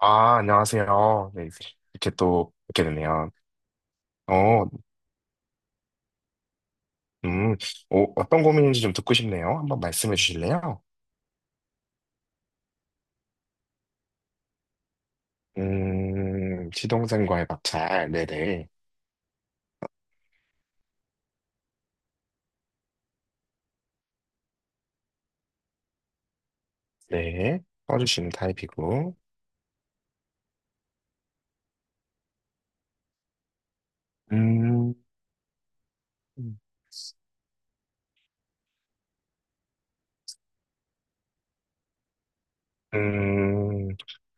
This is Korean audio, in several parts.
아, 안녕하세요. 네, 이렇게 또 뵙게 되네요. 어, 음, 어떤 고민인지 좀 듣고 싶네요. 한번 말씀해 주실래요? 시동생과의 마찰, 네네. 네, 써주시는 타입이고. 음, 음,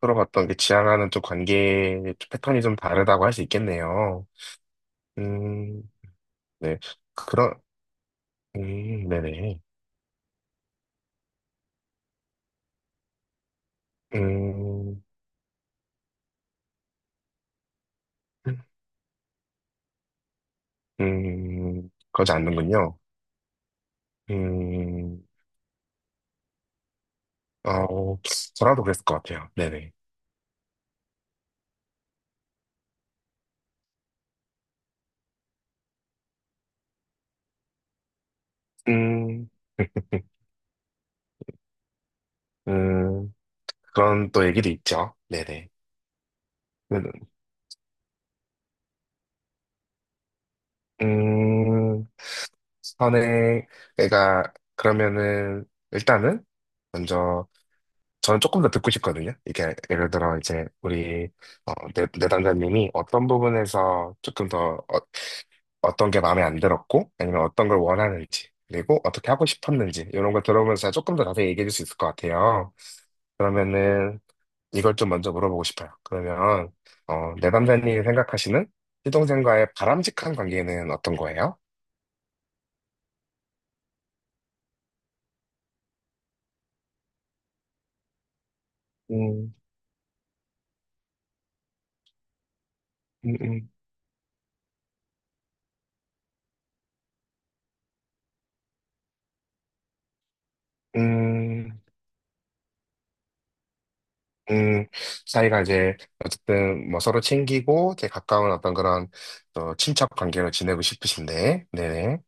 들어봤던 게 지향하는 또 관계 패턴이 좀 다르다고 할 수 있겠네요. 음. 네, 그런. 음. 네네. 음. 음. 그러지 않는군요. 음. 아, 어, 저라도 그랬을 것 같아요. 네네. 음. 음. 그런 또 얘기도 있죠. 네네. 음. 선행. 내가. 그러면은, 일단은, 먼저, 저는 조금 더 듣고 싶거든요. 이게, 예를 들어, 이제, 우리, 내담자님이 어떤 부분에서 조금 더, 어, 떤게 마음에 안 들었고, 아니면 어떤 걸 원하는지, 그리고 어떻게 하고 싶었는지, 이런 걸 들어보면서 조금 더 자세히 얘기해 줄 수 있을 것 같아요. 그러면은, 이걸 좀 먼저 물어보고 싶어요. 그러면, 내담자님이 생각하시는 시동생과의 바람직한 관계는 어떤 거예요? 음. 음. 음. 음. 음. 사이가 이제, 어쨌든, 뭐 서로 챙기고, 되게 가까운 어떤 그런, 친척 관계로 지내고 싶으신데, 네네.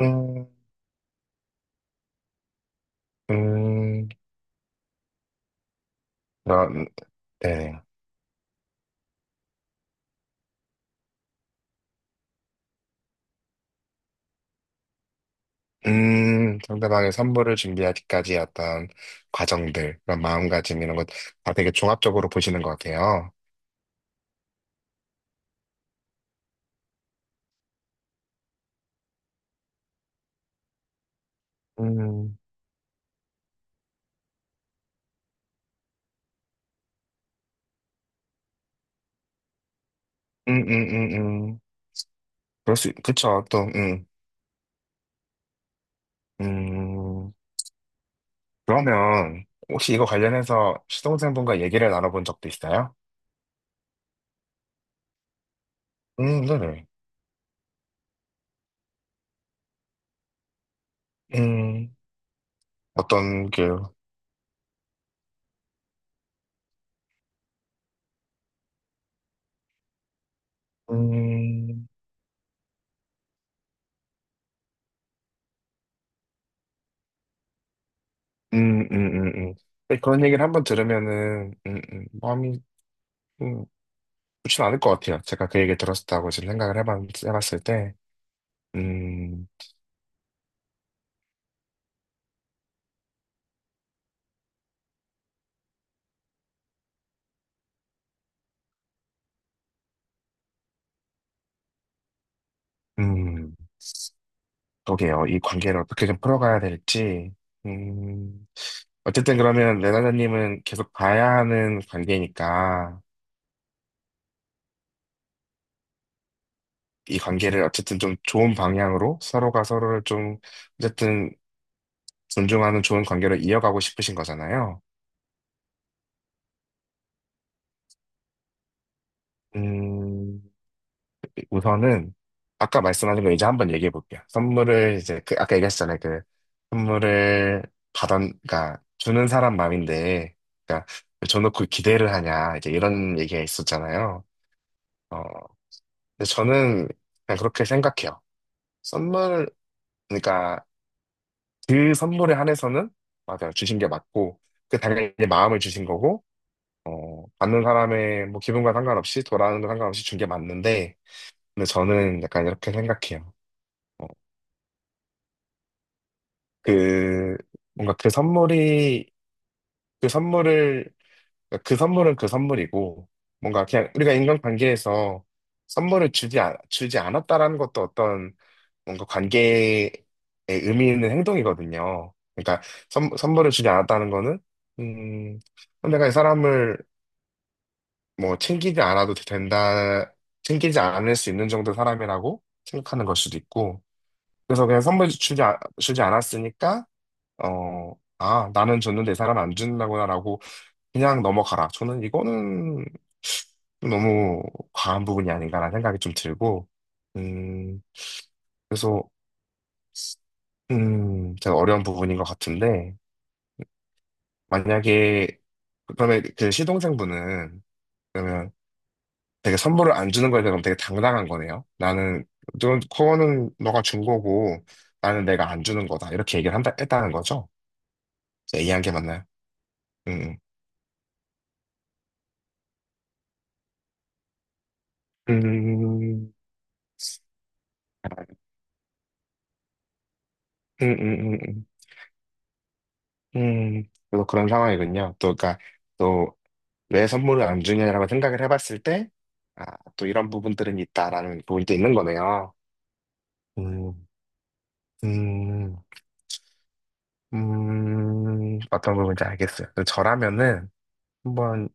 음. 음. 그런. 네네. 음. 상대방의 선물을 준비하기까지 어떤 과정들, 그런 마음가짐 이런 것 다 되게 종합적으로 보시는 것 같아요. 음. 음. 음. 음. 음. 그쵸, 또. 음. 음. 그러면, 혹시 이거 관련해서 시동생분과 얘기를 나눠본 적도 있어요? 네네. 음. 어떤 게. 음. 음. 음. 음. 음. 근데 그런 얘기를 한번 들으면은, 마음이, 음, 좋진 않을 것 같아요. 제가 그 얘기 들었다고 지금 생각을 해봤을 때. 음. 음. 그러게요. 이 관계를 어떻게 좀 풀어가야 될지. 음. 어쨌든 그러면 레나자님은 계속 봐야 하는 관계니까 이 관계를 어쨌든 좀 좋은 방향으로 서로가 서로를 좀 어쨌든 존중하는 좋은 관계로 이어가고 싶으신 거잖아요. 음. 우선은 아까 말씀하신 거 이제 한번 얘기해 볼게요. 선물을 이제 그 아까 얘기했잖아요. 그 선물을 받은, 그러니까 주는 사람 마음인데 그러니까 왜 줘놓고 기대를 하냐, 이제 이런 얘기가 있었잖아요. 어, 근데 저는 그냥 그렇게 생각해요. 선물, 그러니까 그 선물에 한해서는 맞아요. 주신 게 맞고, 그 당연히 마음을 주신 거고, 받는 사람의 뭐 기분과 상관없이, 돌아오는 거 상관없이 준 게 맞는데, 근데 저는 약간 이렇게 생각해요. 어, 그, 뭔가 그 선물이, 그 선물을 그러니까 그 선물은 그 선물이고, 뭔가 그냥 우리가 인간관계에서 선물을 주지 않았다라는 것도 어떤 뭔가 관계에 의미 있는 행동이거든요. 그러니까 선물을 주지 않았다는 거는, 음, 내가 이 사람을 뭐 챙기지 않아도 된다, 챙기지 않을 수 있는 정도 사람이라고 생각하는 걸 수도 있고, 그래서 그냥 선물 주지 않았으니까, 아, 나는 줬는데 이 사람 안 준다구나라고 그냥 넘어가라. 저는 이거는 너무 과한 부분이 아닌가라는 생각이 좀 들고, 음. 그래서, 제가 어려운 부분인 것 같은데, 만약에, 그러면 그 시동생분은, 그러면 되게 선물을 안 주는 거에 대해서 되게 당당한 거네요. 나는, 넌, 그거는 너가 준 거고, 나는 내가 안 주는 거다. 이렇게 얘기를 했다는 거죠? 제가 이해한 게 맞나요? 음. 음. 음. 음. 음. 음. 음. 음. 그래서 그런 상황이군요. 또, 그러니까, 또, 왜 선물을 안 주냐라고 생각을 해봤을 때, 아, 또 이런 부분들은 있다라는 부분도 있는 거네요. 음. 음. 음. 어떤 부분인지 알겠어요. 근데 저라면은 한번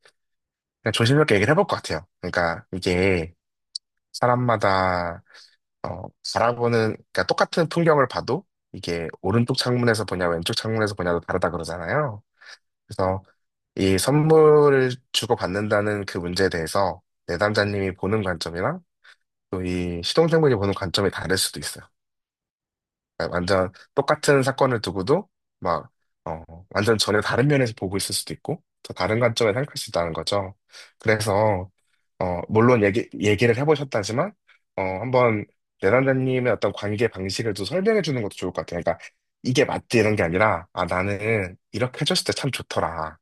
그냥 조심스럽게 얘기를 해볼 것 같아요. 그러니까 이게 사람마다 어, 바라보는, 그러니까 똑같은 풍경을 봐도 이게 오른쪽 창문에서 보냐, 왼쪽 창문에서 보냐도 다르다 그러잖아요. 그래서 이 선물을 주고받는다는 그 문제에 대해서 내담자님이 보는 관점이랑 또 이 시동생분이 보는 관점이 다를 수도 있어요. 그러니까 완전 똑같은 사건을 두고도 막, 어, 완전 전혀 다른 면에서 보고 있을 수도 있고, 더 다른 관점에 생각할 수 있다는 거죠. 그래서, 어, 물론 얘기를 해보셨다지만, 어, 한번 내담자님의 어떤 관계 방식을 또 설명해 주는 것도 좋을 것 같아요. 그러니까 이게 맞지 이런 게 아니라, 아, 나는 이렇게 해줬을 때 참 좋더라.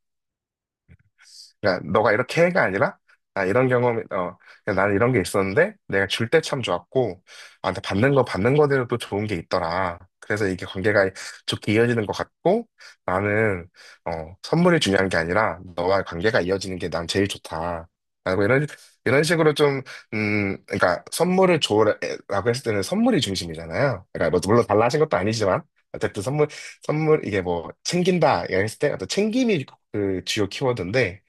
그러니까 너가 이렇게 해가 아니라 아 이런 경험이 어그 나는 이런 게 있었는데 내가 줄 때 참 좋았고 아 근데 받는 거대로 또 좋은 게 있더라. 그래서 이게 관계가 좋게 이어지는 것 같고 나는 어 선물이 중요한 게 아니라 너와 관계가 이어지는 게 난 제일 좋다. 라고 이런 식으로 좀 그러니까 선물을 줘라고 했을 때는 선물이 중심이잖아요. 그러니까 뭐 물론 달라 하신 것도 아니지만 어쨌든 선물 이게 뭐 챙긴다 이랬을 때 어떤 챙김이 그 주요 키워드인데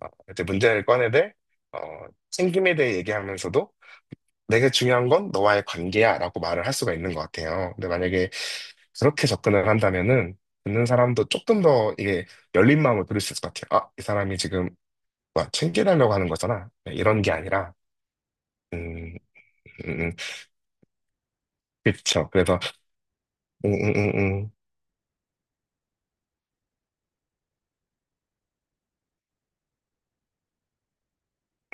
어, 이제 문제를 꺼내들 어, 챙김에 대해 얘기하면서도 내게 중요한 건 너와의 관계야 라고 말을 할 수가 있는 것 같아요. 근데 만약에 그렇게 접근을 한다면은 듣는 사람도 조금 더 이게 열린 마음을 들을 수 있을 것 같아요. 아, 이 사람이 지금 뭐 챙겨달라고 하는 거잖아. 네, 이런 게 아니라 음. 음. 음. 그쵸. 그래서 음. 음. 음. 음.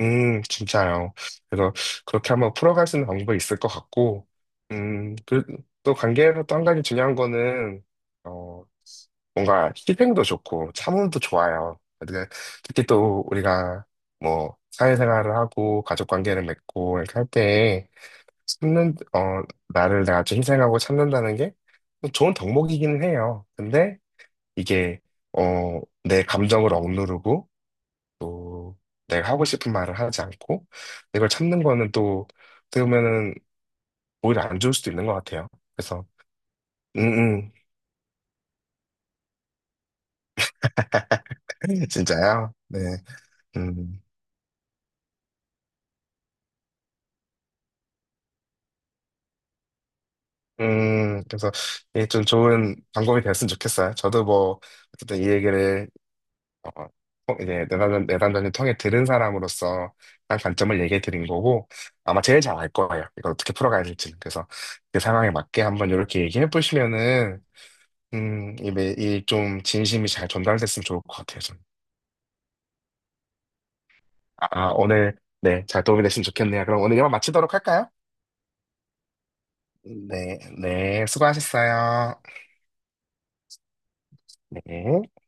진짜요. 그래서 그렇게 한번 풀어갈 수 있는 방법이 있을 것 같고, 그, 또 관계에서 또 한 가지 중요한 거는, 어, 뭔가 희생도 좋고 참음도 좋아요. 근데 특히 또 우리가 뭐 사회생활을 하고 가족 관계를 맺고 이렇게 할 때에 참는, 나를 내가 좀 희생하고 참는다는 게 좋은 덕목이기는 해요. 근데 이게, 내 감정을 억누르고 또 내가 하고 싶은 말을 하지 않고 이걸 참는 거는 또 어떻게 보면은 오히려 안 좋을 수도 있는 것 같아요. 그래서 음. 음. 진짜요? 네. 음. 그래서 이게 좀 좋은 방법이 됐으면 좋겠어요. 저도 뭐 어쨌든 이 얘기를 어, 어, 이제 내담 통해 들은 사람으로서 한 관점을 얘기해 드린 거고 아마 제일 잘 알 거예요. 이걸 어떻게 풀어가야 될지. 그래서 그 상황에 맞게 한번 이렇게 얘기해 보시면은 이 매일 좀 진심이 잘 전달됐으면 좋을 것 같아요, 저는. 오늘, 네, 잘 도움이 됐으면 좋겠네요. 그럼 오늘 이만 마치도록 할까요? 네, 네, 수고하셨어요. 네.